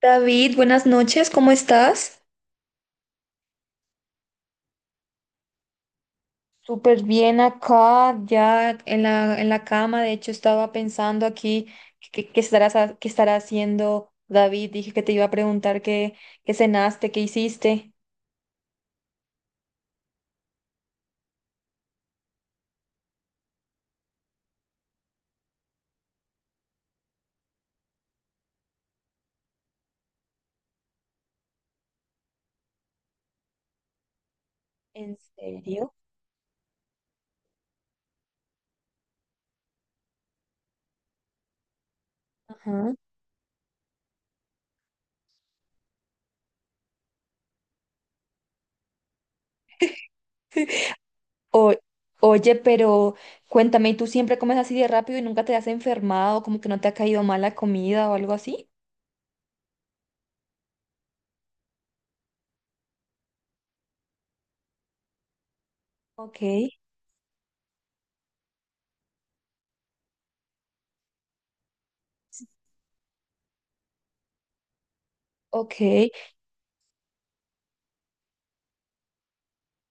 David, buenas noches, ¿cómo estás? Súper bien acá, ya en la cama. De hecho, estaba pensando aquí qué estarás, qué estará haciendo David. Dije que te iba a preguntar qué cenaste, qué hiciste. ¿En serio? Ajá. O- oye, pero cuéntame, ¿y tú siempre comes así de rápido y nunca te has enfermado? ¿Como que no te ha caído mal la comida o algo así? Ok, ok.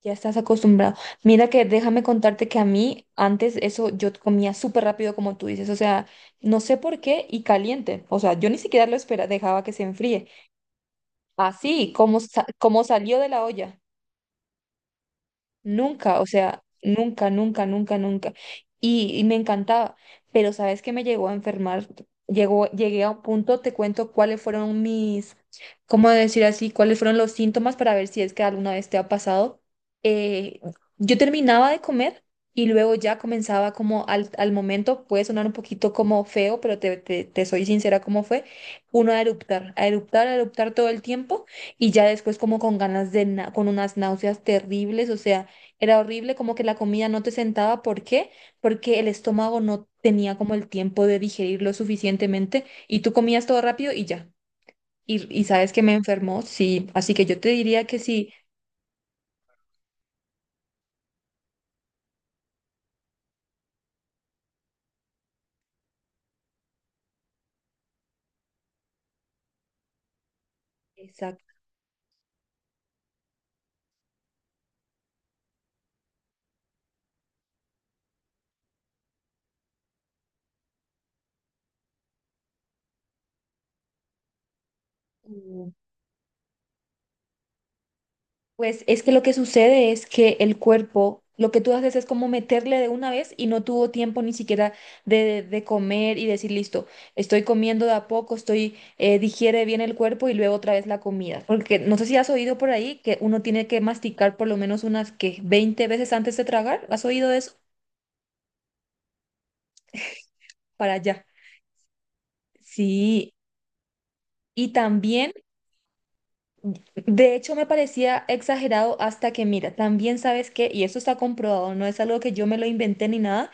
Ya estás acostumbrado. Mira que déjame contarte que a mí antes eso yo comía súper rápido como tú dices, o sea, no sé por qué y caliente, o sea, yo ni siquiera lo esperaba, dejaba que se enfríe. Así como, como salió de la olla. Nunca, o sea, nunca, nunca, nunca, nunca. Y me encantaba, pero ¿sabes qué me llegó a enfermar? Llegó, llegué a un punto, te cuento cuáles fueron mis, ¿cómo decir así? ¿Cuáles fueron los síntomas para ver si es que alguna vez te ha pasado? Eh, yo terminaba de comer y luego ya comenzaba como al momento, puede sonar un poquito como feo, pero te soy sincera cómo fue, uno a eruptar, a eruptar, a eruptar todo el tiempo y ya después como con ganas de, con unas náuseas terribles, o sea era horrible, como que la comida no te sentaba. ¿Por qué? Porque el estómago no tenía como el tiempo de digerirlo suficientemente y tú comías todo rápido y ya. Y sabes que me enfermó, sí. Así que yo te diría que sí. Exacto. Pues es que lo que sucede es que el cuerpo, lo que tú haces es como meterle de una vez y no tuvo tiempo ni siquiera de comer y decir, listo, estoy comiendo de a poco, estoy, digiere bien el cuerpo y luego otra vez la comida. Porque no sé si has oído por ahí que uno tiene que masticar por lo menos unas que 20 veces antes de tragar. ¿Has oído eso? Para allá. Sí. Y también, de hecho, me parecía exagerado hasta que, mira, también sabes que, y eso está comprobado, no es algo que yo me lo inventé ni nada.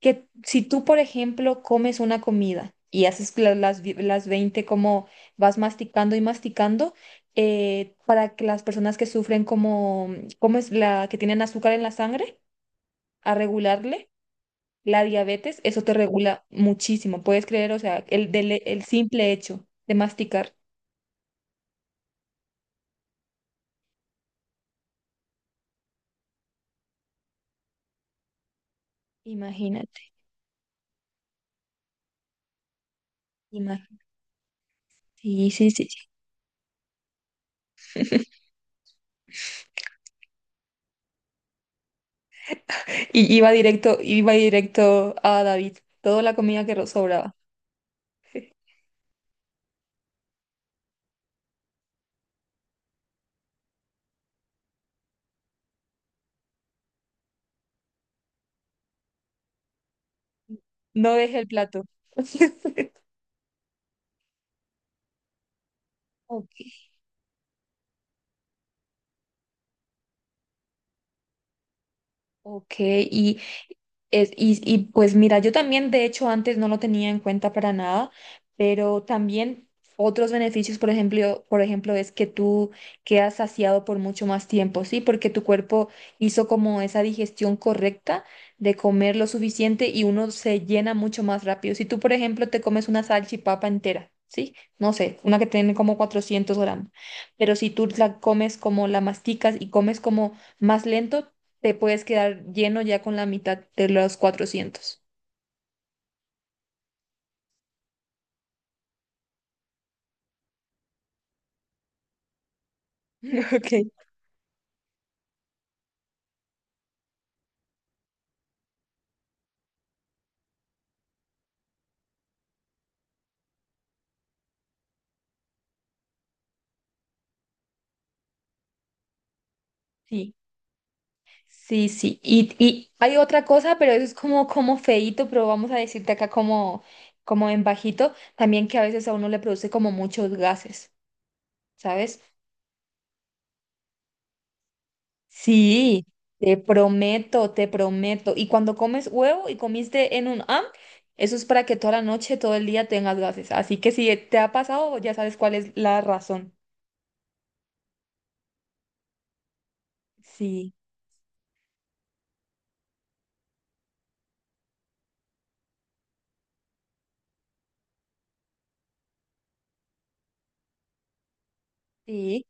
Que si tú, por ejemplo, comes una comida y haces las 20 como vas masticando y masticando, para que las personas que sufren como, como es la que tienen azúcar en la sangre, a regularle la diabetes, eso te regula muchísimo, puedes creer, o sea, el simple hecho de masticar, imagínate, imagínate. Sí, sí, sí, sí. Y iba directo a David, toda la comida que sobraba. No deje el plato. Ok, ok, pues mira, yo también, de hecho, antes no lo tenía en cuenta para nada, pero también otros beneficios, por ejemplo, es que tú quedas saciado por mucho más tiempo, ¿sí? Porque tu cuerpo hizo como esa digestión correcta de comer lo suficiente y uno se llena mucho más rápido. Si tú, por ejemplo, te comes una salchipapa entera, ¿sí? No sé, una que tiene como 400 gramos, pero si tú la comes como la masticas y comes como más lento, te puedes quedar lleno ya con la mitad de los 400. Ok. Sí, sí, sí. Y hay otra cosa, pero eso es como, como feíto, pero vamos a decirte acá como, como en bajito, también que a veces a uno le produce como muchos gases, ¿sabes? Sí, te prometo, te prometo. Y cuando comes huevo y comiste en un AM, eso es para que toda la noche, todo el día tengas gases. Así que si te ha pasado, ya sabes cuál es la razón. Sí, sí,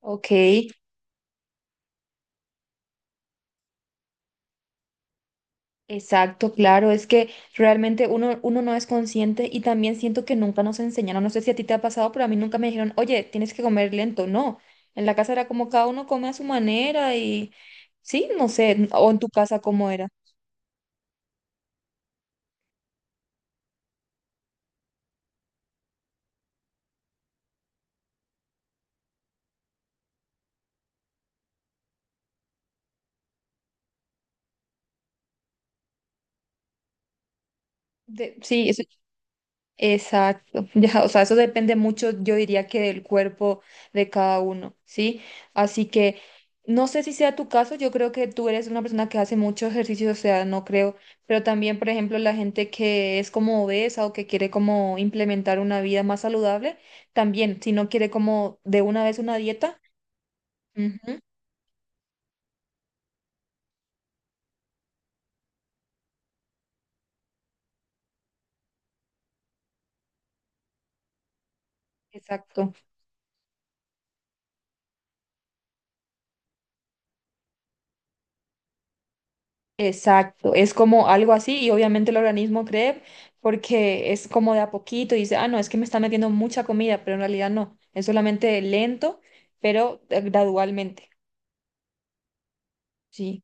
ok. Exacto, claro, es que realmente uno, uno no es consciente y también siento que nunca nos enseñaron, no sé si a ti te ha pasado, pero a mí nunca me dijeron, oye, tienes que comer lento, no, en la casa era como cada uno come a su manera y sí, no sé, o en tu casa cómo era. Sí, exacto, ya, o sea, eso depende mucho, yo diría que del cuerpo de cada uno, ¿sí? Así que no sé si sea tu caso, yo creo que tú eres una persona que hace mucho ejercicio, o sea, no creo, pero también, por ejemplo, la gente que es como obesa o que quiere como implementar una vida más saludable, también, si no quiere como de una vez una dieta, ujú, exacto. Exacto, es como algo así y obviamente el organismo cree porque es como de a poquito y dice, ah, no, es que me está metiendo mucha comida, pero en realidad no, es solamente lento, pero gradualmente. Sí,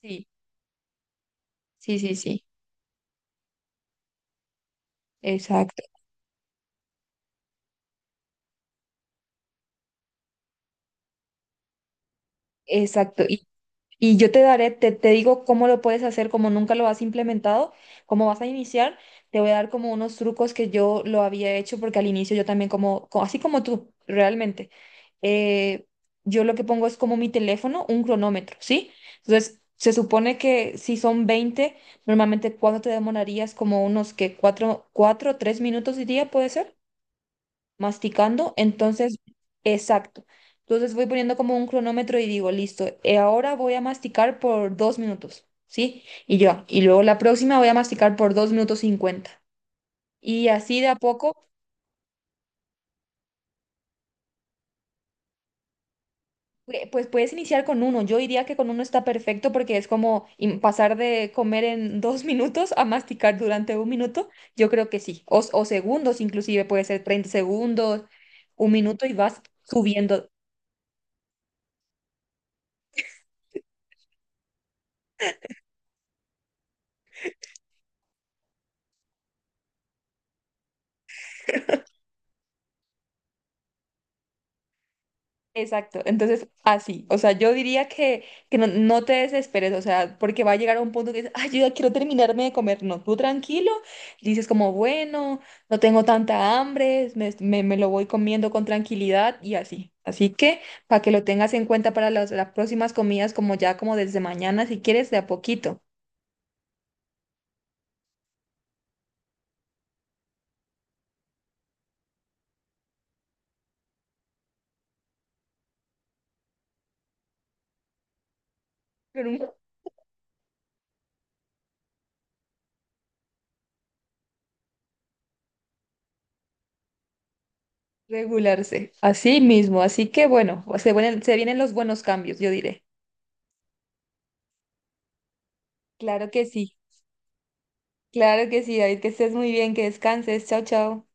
sí, sí, sí, sí, exacto, exacto. Y yo te daré, te digo cómo lo puedes hacer, como nunca lo has implementado, cómo vas a iniciar. Te voy a dar como unos trucos que yo lo había hecho, porque al inicio yo también como, así como tú, realmente. eh, yo lo que pongo es como mi teléfono, un cronómetro, ¿sí? Entonces, se supone que si son 20 normalmente ¿cuánto te demorarías? Como unos que cuatro 3 minutos diría, ¿puede ser? Masticando. Entonces, exacto. Entonces voy poniendo como un cronómetro y digo, listo, ahora voy a masticar por 2 minutos, ¿sí? Y yo, y luego la próxima voy a masticar por 2 minutos 50. Y así de a poco, pues puedes iniciar con uno. Yo diría que con uno está perfecto porque es como pasar de comer en 2 minutos a masticar durante un minuto. Yo creo que sí. O segundos, inclusive puede ser 30 segundos, un minuto y vas subiendo. Exacto, entonces así, o sea, yo diría que no, no te desesperes, o sea, porque va a llegar a un punto que dices, ay, yo ya quiero terminarme de comer, no, tú tranquilo, dices como, bueno, no tengo tanta hambre, me lo voy comiendo con tranquilidad y así, así que para que lo tengas en cuenta para las próximas comidas, como ya como desde mañana, si quieres, de a poquito, pero regularse, así mismo, así que bueno, se vienen los buenos cambios, yo diré. Claro que sí. Claro que sí, David, que estés muy bien, que descanses. Chao, chao.